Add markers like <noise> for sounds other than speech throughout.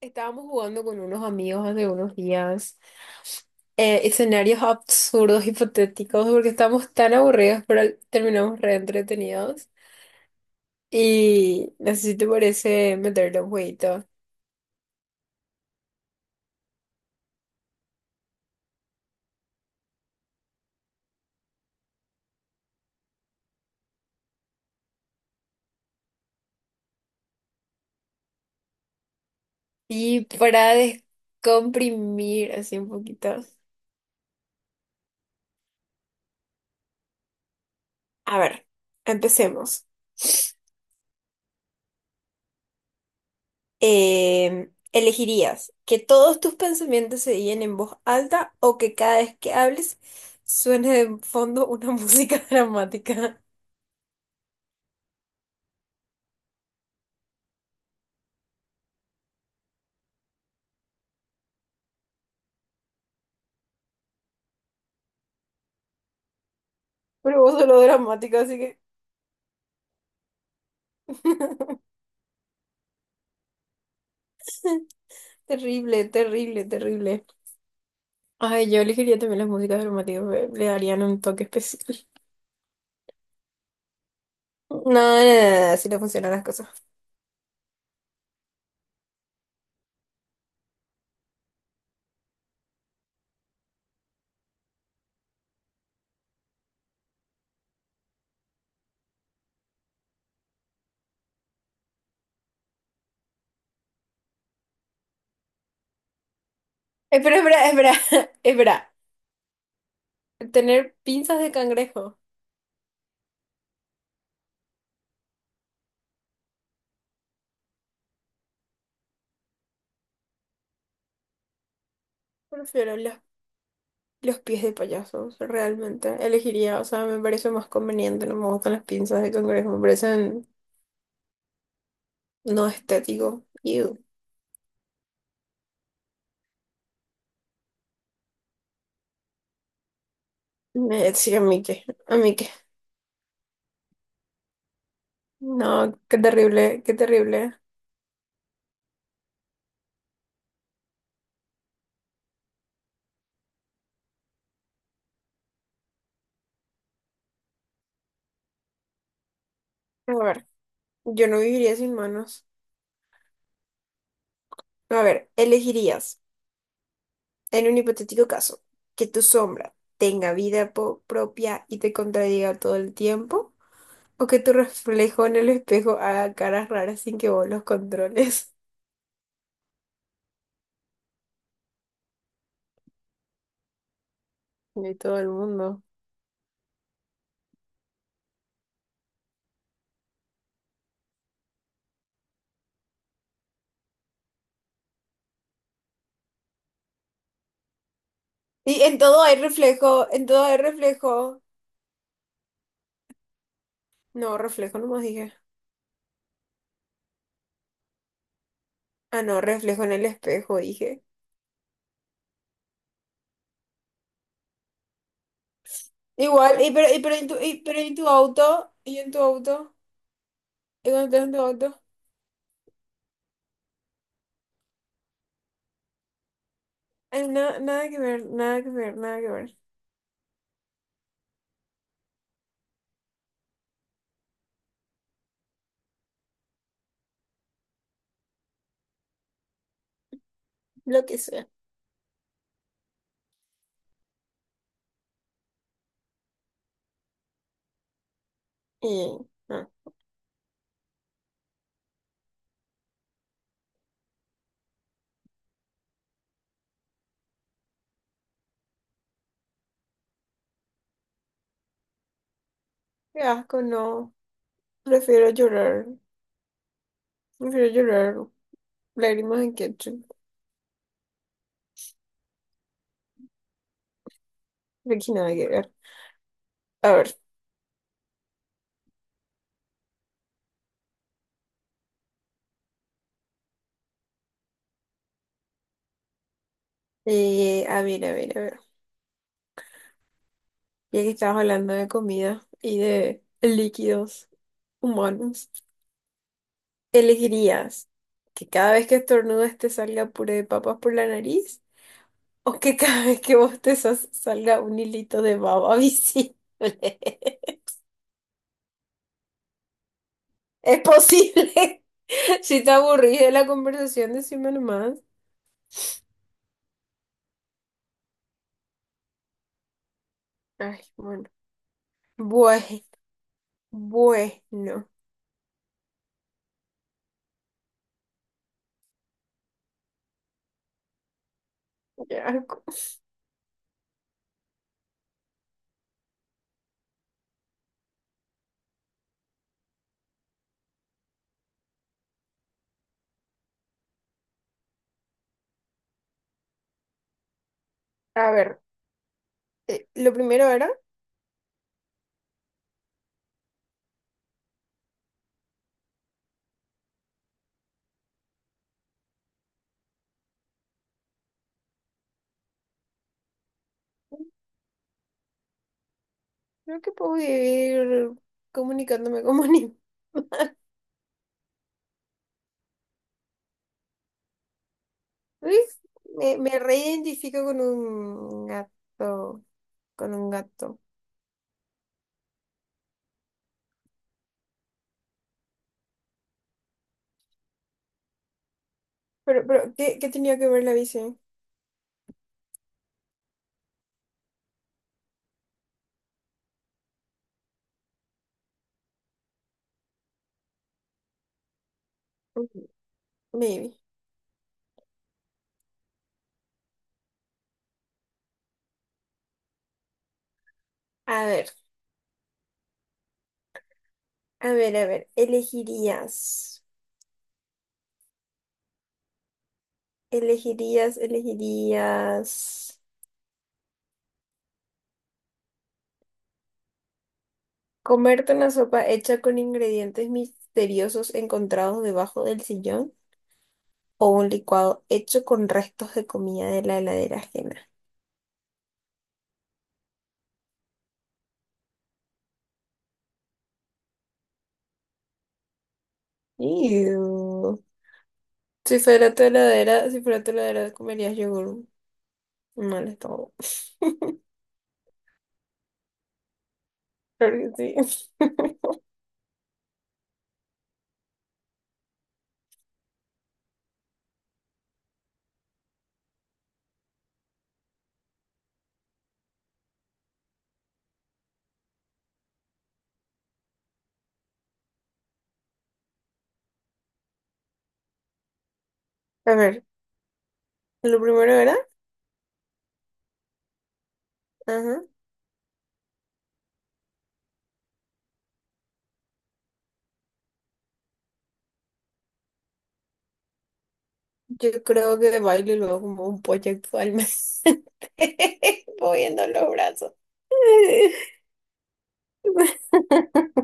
Estábamos jugando con unos amigos hace unos días, escenarios absurdos, hipotéticos, porque estábamos tan aburridos, pero terminamos re entretenidos. Y no sé si te parece meterle un jueguito. Y para descomprimir así un poquito. A ver, empecemos. ¿Elegirías que todos tus pensamientos se digan en voz alta o que cada vez que hables suene de fondo una <laughs> música dramática? Pero vos sos lo dramática, así que... <laughs> Terrible, terrible, terrible. Ay, yo elegiría también las músicas dramáticas, le darían un toque especial. No, no, no, no, así no funcionan las cosas. Espera, espera, espera, <laughs> espera. Tener pinzas de cangrejo. Prefiero los pies de payasos, realmente. Elegiría, o sea, me parece más conveniente, no me gustan las pinzas de cangrejo, me parecen no estético. Ew. Me decía a mí que, a mí que. No, qué terrible, qué terrible. A ver. Yo no viviría sin manos. No, a ver, elegirías, en un hipotético caso, que tu sombra tenga vida propia y te contradiga todo el tiempo, o que tu reflejo en el espejo haga caras raras sin que vos los controles. <laughs> De todo el mundo. Y en todo hay reflejo, en todo hay reflejo. No, reflejo nomás dije. Ah, no, reflejo en el espejo dije. Igual, y pero en tu auto, y cuando estás en tu auto. Ay, nada que ver, nada que ver, nada que ver. Lo que sea. Y, ah, qué asco, no. Prefiero llorar. Prefiero llorar lágrimas en ketchup. De que nada que ver. A ver, a ver, a ver, a ver. Ya que estabas hablando de comida y de líquidos humanos, ¿elegirías que cada vez que estornudes te salga puré de papas por la nariz o que cada vez que bostezas salga un hilito de baba visible? <laughs> Es posible. <laughs> Si te aburrís de la conversación, decime nomás. Ay, bueno. Bueno, bueno. Ya. A ver, lo primero era, creo que puedo vivir comunicándome como animal. Me reidentifico con un gato, con un gato. ¿Qué, qué tenía que ver la bici? Ujú. Maybe. A ver, a ver, a ver. Elegirías comerte una sopa hecha con ingredientes misteriosos encontrados debajo del sillón, o un licuado hecho con restos de comida de la heladera ajena. Ew. Si fuera tu heladera, si fuera tu heladera, comerías yogur. Mal estado. Claro que sí. A ver, lo primero era, ajá, yo creo que de baile luego como un pollo actualmente, <laughs> moviendo los brazos. <laughs>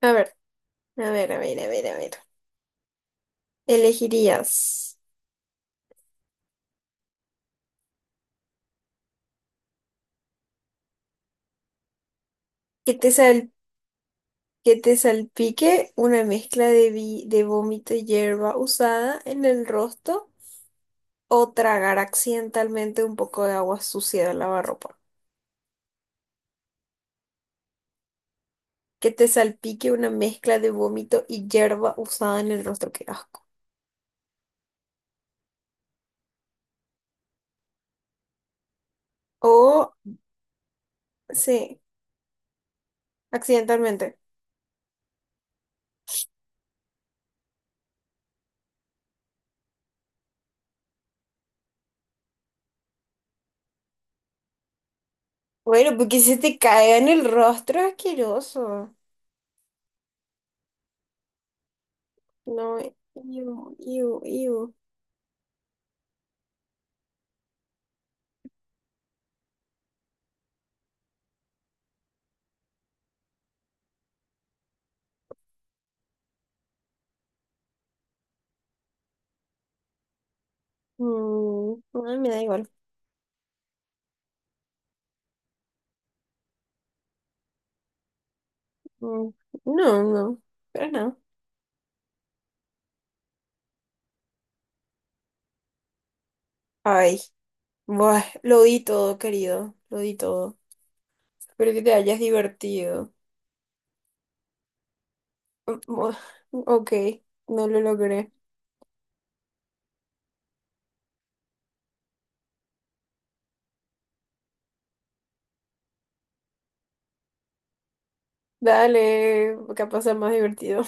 A ver, a ver, a ver, a ver, a ver. ¿Elegirías que te sal que te salpique una mezcla de, de vómito y hierba usada en el rostro, o tragar accidentalmente un poco de agua sucia del lavarropa? Que te salpique una mezcla de vómito y hierba usada en el rostro, qué asco. O, sí, accidentalmente. Bueno, porque se te caiga en el rostro, asqueroso. No, iu, iu, iu. Mm, no, me da igual. Mm, no, no, pero no. Ay. Buah, lo di todo, querido, lo di todo. Espero que te hayas divertido. Mm, buah, ok, no lo logré. Dale, capaz sea más divertido.